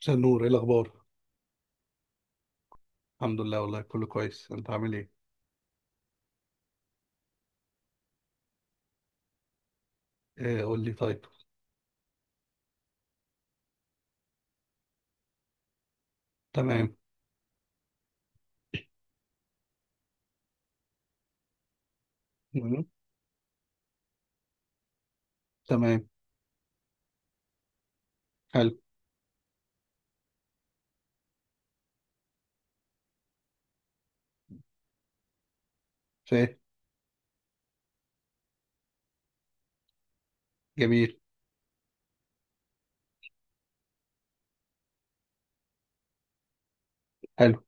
عشان نور، ايه الاخبار؟ الحمد لله، والله كله كويس. انت عامل ايه؟ إيه، قول لي. طيب. تمام. مم. تمام. حلو. فاهم. جميل. حلو.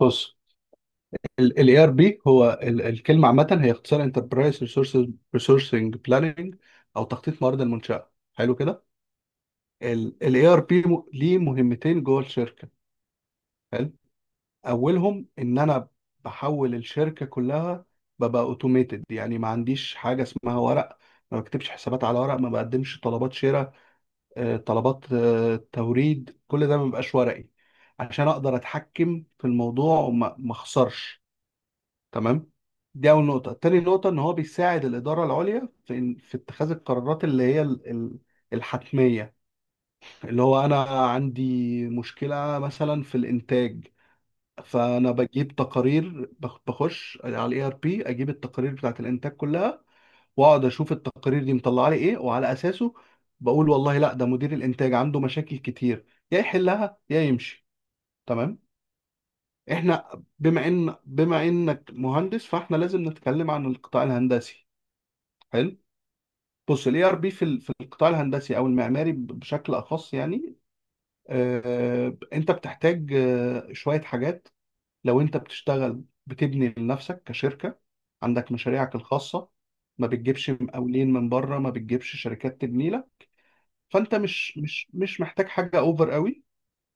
بص، الاي ار بي هو الكلمه عامه، هي اختصار انتربرايز ريسورسنج بلاننج، او تخطيط موارد المنشاه. حلو كده. الاي ار بي ليه مهمتين جوه الشركه. حلو. اولهم ان انا بحول الشركه كلها، ببقى اوتوميتد. يعني ما عنديش حاجه اسمها ورق، ما بكتبش حسابات على ورق، ما بقدمش طلبات شراء، طلبات توريد، كل ده ما بيبقاش ورقي عشان اقدر اتحكم في الموضوع وما ما اخسرش. تمام. دي اول نقطه. تاني نقطه، ان هو بيساعد الاداره العليا في في اتخاذ القرارات اللي هي الحتميه. اللي هو انا عندي مشكله مثلا في الانتاج، فانا بجيب تقارير، بخش على الاي ار بي، اجيب التقارير بتاعت الانتاج كلها، واقعد اشوف التقارير دي مطلعه لي ايه، وعلى اساسه بقول والله لا، ده مدير الانتاج عنده مشاكل كتير، يا يحلها يا يمشي. تمام. احنا بما انك مهندس، فاحنا لازم نتكلم عن القطاع الهندسي. حلو. بص، الاي ار بي في في القطاع الهندسي او المعماري بشكل اخص يعني. انت بتحتاج شويه حاجات. لو انت بتشتغل بتبني لنفسك كشركه، عندك مشاريعك الخاصه، ما بتجيبش مقاولين من بره، ما بتجيبش شركات تبني لك، فانت مش محتاج حاجه اوفر قوي،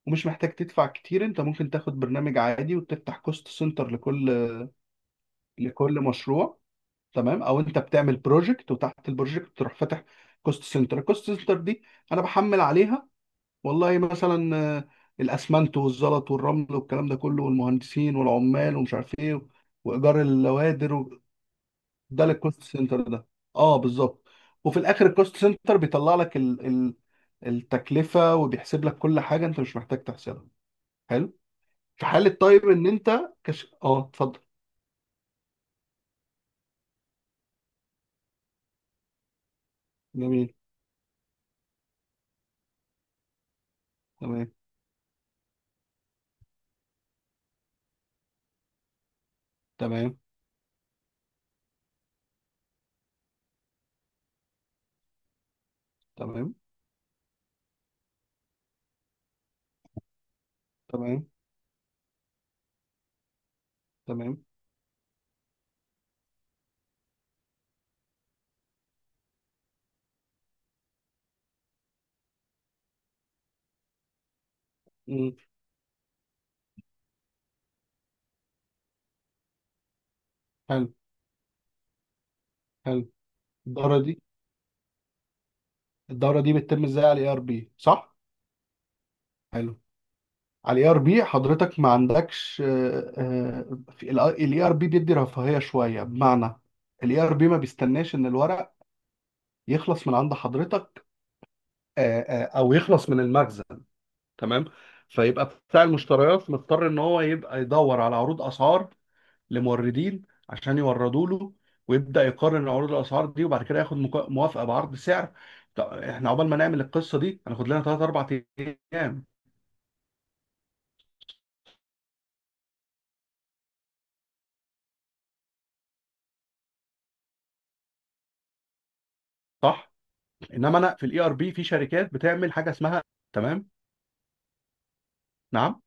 ومش محتاج تدفع كتير. انت ممكن تاخد برنامج عادي وتفتح كوست سنتر لكل لكل مشروع. تمام. او انت بتعمل بروجكت، وتحت البروجكت تروح فاتح كوست سنتر. الكوست سنتر دي انا بحمل عليها والله، مثلا الاسمنت والزلط والرمل والكلام ده كله، والمهندسين والعمال ومش عارف ايه، وايجار اللوادر، ده للكوست سنتر ده. اه، بالظبط. وفي الاخر الكوست سنتر بيطلع لك التكلفه، وبيحسب لك كل حاجه انت مش محتاج تحسبها. حلو. في حاله طيب، ان انت اه، اتفضل. جميل. تمام. تمام. تمام. تمام. تمام. مم. حلو. حلو. الدوره دي، الدوره دي بتتم ازاي على الاي ار بي، صح؟ حلو. على الاي ار بي حضرتك ما عندكش. الاي ار بي بيدي رفاهيه شويه، بمعنى الاي ار بي ما بيستناش ان الورق يخلص من عند حضرتك، او يخلص من المخزن. تمام. فيبقى بتاع المشتريات مضطر ان هو يبقى يدور على عروض اسعار لموردين، عشان يوردوا له، ويبدا يقارن عروض الاسعار دي، وبعد كده ياخد موافقه بعرض سعر. طب احنا عقبال ما نعمل القصه دي، هناخد لنا 3 4 ايام. صح. انما انا في الاي ار بي، في شركات بتعمل حاجه اسمها. تمام. نعم.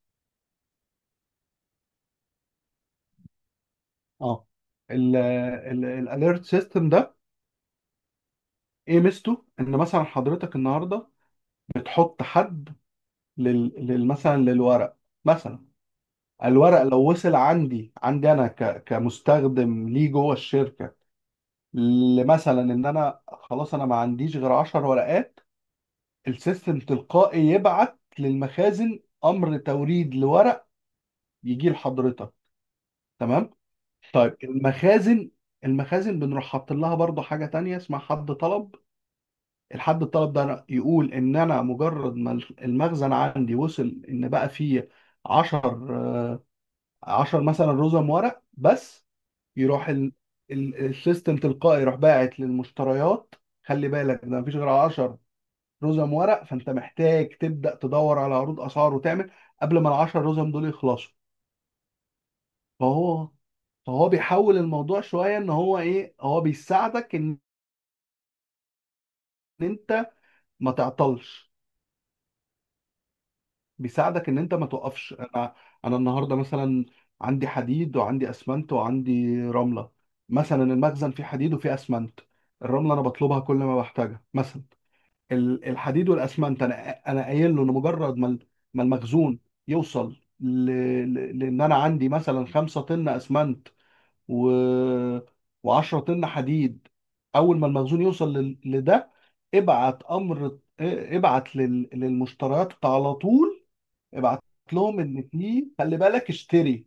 اه. الاليرت سيستم ده، ايه ميزته؟ ان مثلا حضرتك النهارده بتحط حد مثلا للورق. مثلا الورق لو وصل عندي، عندي انا كمستخدم ليه جوه الشركه، لمثلا ان انا خلاص انا ما عنديش غير 10 ورقات، السيستم تلقائي يبعت للمخازن امر توريد لورق، يجي لحضرتك. تمام. طيب المخازن، المخازن بنروح حاطين لها برضو حاجه تانية اسمها حد طلب. الحد الطلب ده، يقول ان انا مجرد ما المخزن عندي وصل، ان بقى فيه 10، 10 مثلا رزم ورق بس، يروح السيستم تلقائي يروح باعت للمشتريات، خلي بالك ده مفيش غير 10 رزم ورق، فانت محتاج تبدا تدور على عروض اسعار وتعمل، قبل ما ال 10 رزم دول يخلصوا. فهو فهو بيحول الموضوع شويه، ان هو ايه، هو بيساعدك ان انت ما تعطلش، بيساعدك ان انت ما توقفش. انا النهارده مثلا عندي حديد، وعندي اسمنت، وعندي رمله. مثلا المخزن فيه حديد وفيه اسمنت. الرمله انا بطلبها كل ما بحتاجها مثلا. الحديد والاسمنت انا قايل له ان مجرد ما ما المخزون يوصل لان انا عندي مثلا 5 طن اسمنت، و و10 طن حديد. اول ما المخزون يوصل لده، ابعت امر، ابعت للمشتريات على طول. ابعت لهم ان في، خلي بالك، اشتري،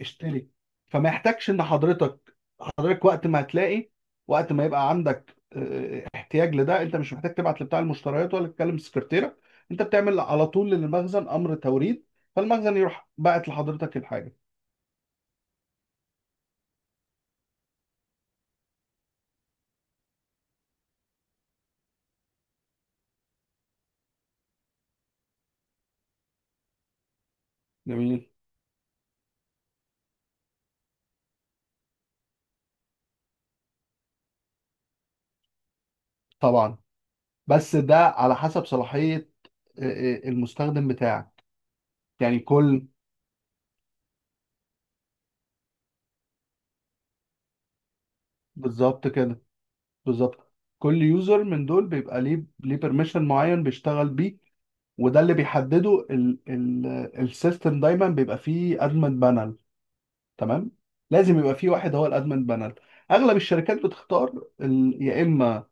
اشتري. فما يحتاجش ان حضرتك، حضرتك وقت ما هتلاقي، وقت ما يبقى عندك احتياج لده، انت مش محتاج تبعت لبتاع المشتريات ولا تكلم سكرتيرة، انت بتعمل على طول للمخزن امر توريد، فالمخزن يروح باعت لحضرتك الحاجة. جميل. طبعا، بس ده على حسب صلاحية، اه، اه، المستخدم بتاعك. يعني كل. بالظبط كده. بالظبط. كل يوزر من دول بيبقى ليه بيرميشن معين بيشتغل بيه، وده اللي بيحدده ال ال السيستم دايما بيبقى فيه ادمن بانل. تمام. لازم يبقى فيه واحد هو الادمن بانل. اغلب الشركات بتختار يا اما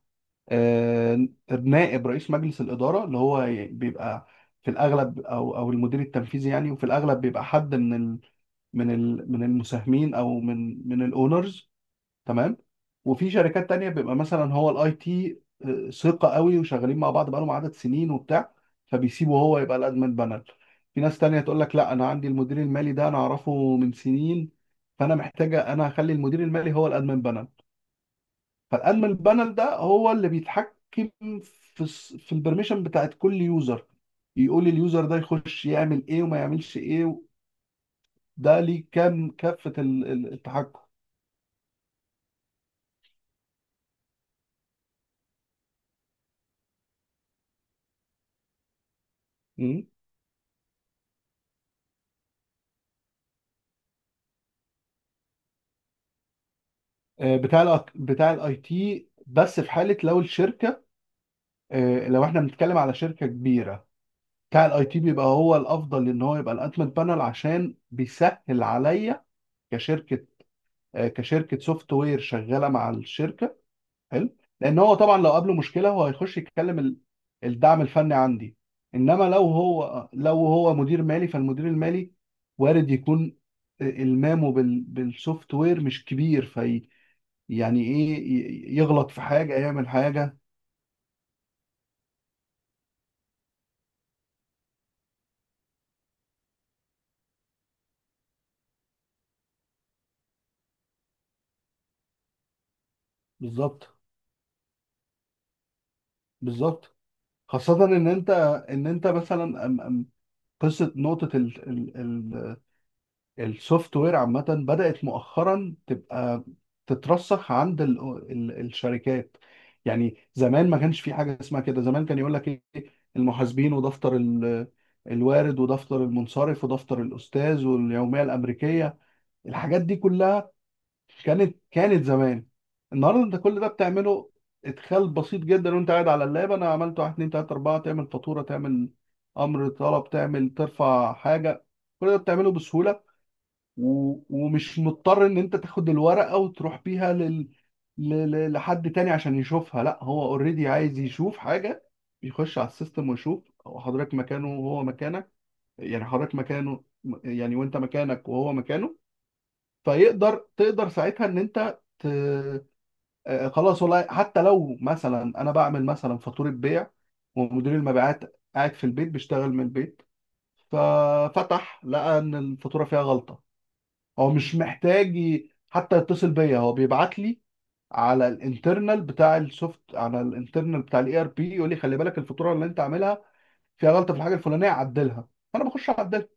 آه، نائب رئيس مجلس الاداره، اللي هو بيبقى في الاغلب، او المدير التنفيذي يعني، وفي الاغلب بيبقى حد من المساهمين، او من الاونرز. تمام. وفي شركات تانية بيبقى مثلا هو الاي تي، ثقة قوي وشغالين مع بعض بقالهم عدد سنين وبتاع، فبيسيبه هو يبقى الادمن بانل. في ناس تانية تقول لك لا، انا عندي المدير المالي ده انا اعرفه من سنين، فانا محتاجة انا اخلي المدير المالي هو الادمن بانل. فالادمن بانل ده هو اللي بيتحكم في في البرميشن بتاعت كل يوزر، يقول اليوزر ده يخش يعمل ايه وما يعملش ايه، ده ليه كام كافة التحكم. بتاع بتاع الاي تي، بس في حاله لو الشركه، لو احنا بنتكلم على شركه كبيره، بتاع الاي تي بيبقى هو الافضل ان هو يبقى الانتمنت بانل، عشان بيسهل عليا كشركه، كشركه سوفت وير شغاله مع الشركه. حلو. لان هو طبعا لو قابله مشكله، هو هيخش يتكلم الدعم الفني عندي. انما لو هو مدير مالي، فالمدير المالي وارد يكون المامه بالسوفت وير مش كبير، يعني ايه يغلط في حاجه، يعمل حاجه. بالظبط. بالظبط. خاصه ان انت مثلا أم- أم قصه نقطه ال ال ال السوفت وير عامه بدات مؤخرا تبقى تترسخ عند ال ال الشركات يعني زمان ما كانش في حاجه اسمها كده. زمان كان يقول لك ايه، المحاسبين ودفتر الوارد ودفتر المنصرف ودفتر الاستاذ واليوميه الامريكيه، الحاجات دي كلها كانت زمان. النهارده انت كل ده بتعمله ادخال بسيط جدا، وانت قاعد على اللاب انا عملت واحد اتنين تلاته اربعه، تعمل فاتوره، تعمل امر طلب، تعمل ترفع حاجه، كل ده بتعمله بسهوله، ومش مضطر ان انت تاخد الورقه وتروح بيها لحد تاني عشان يشوفها. لا، هو اوريدي عايز يشوف حاجه، بيخش على السيستم ويشوف. حضرتك مكانه وهو مكانك، يعني حضرتك مكانه، يعني وانت مكانك وهو مكانه. فيقدر، تقدر ساعتها ان انت ت... آه، آه، خلاص والله. حتى لو مثلا انا بعمل مثلا فاتوره بيع، ومدير المبيعات قاعد في البيت بيشتغل من البيت، ففتح لقى ان الفاتوره فيها غلطه، هو مش محتاج حتى يتصل بيا، هو بيبعت لي على الانترنال بتاع الاي ار بي، يقول لي خلي بالك الفاتوره اللي انت عاملها فيها غلطه في الحاجه الفلانيه، عدلها. فانا بخش اعدلها.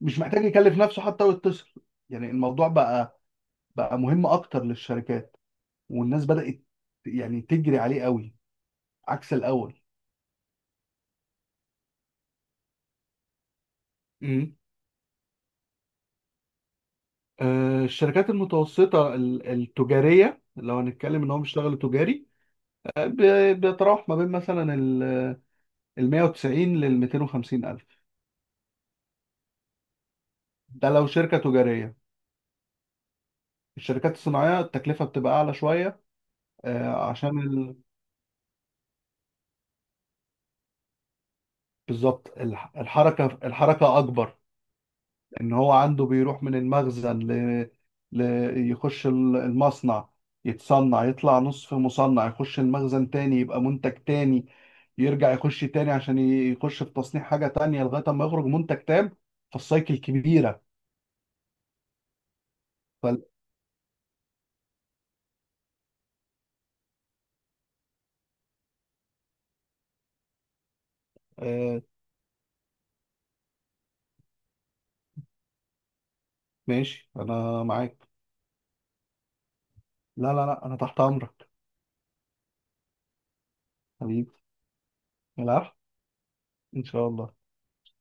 مش محتاج يكلف نفسه حتى ويتصل. يعني الموضوع بقى مهم اكتر للشركات، والناس بدأت يعني تجري عليه قوي عكس الأول. امم. الشركات المتوسطة التجارية، لو هنتكلم ان هم بيشتغلوا تجاري، بيتراوح ما بين مثلا ال 190 لل 250 الف. ده لو شركة تجارية. الشركات الصناعية التكلفة بتبقى اعلى شوية. عشان بالظبط. الحركة، الحركة اكبر. ان هو عنده بيروح من المخزن ل... يخش المصنع، يتصنع يطلع نصف مصنع، يخش المخزن تاني يبقى منتج تاني، يرجع يخش تاني عشان يخش في تصنيع حاجة تانية، لغاية ما يخرج منتج تام. فالسايكل كبيرة. ف... آه... ماشي، انا معاك. لا لا لا، انا تحت امرك. حبيبي. العفو. ان شاء الله.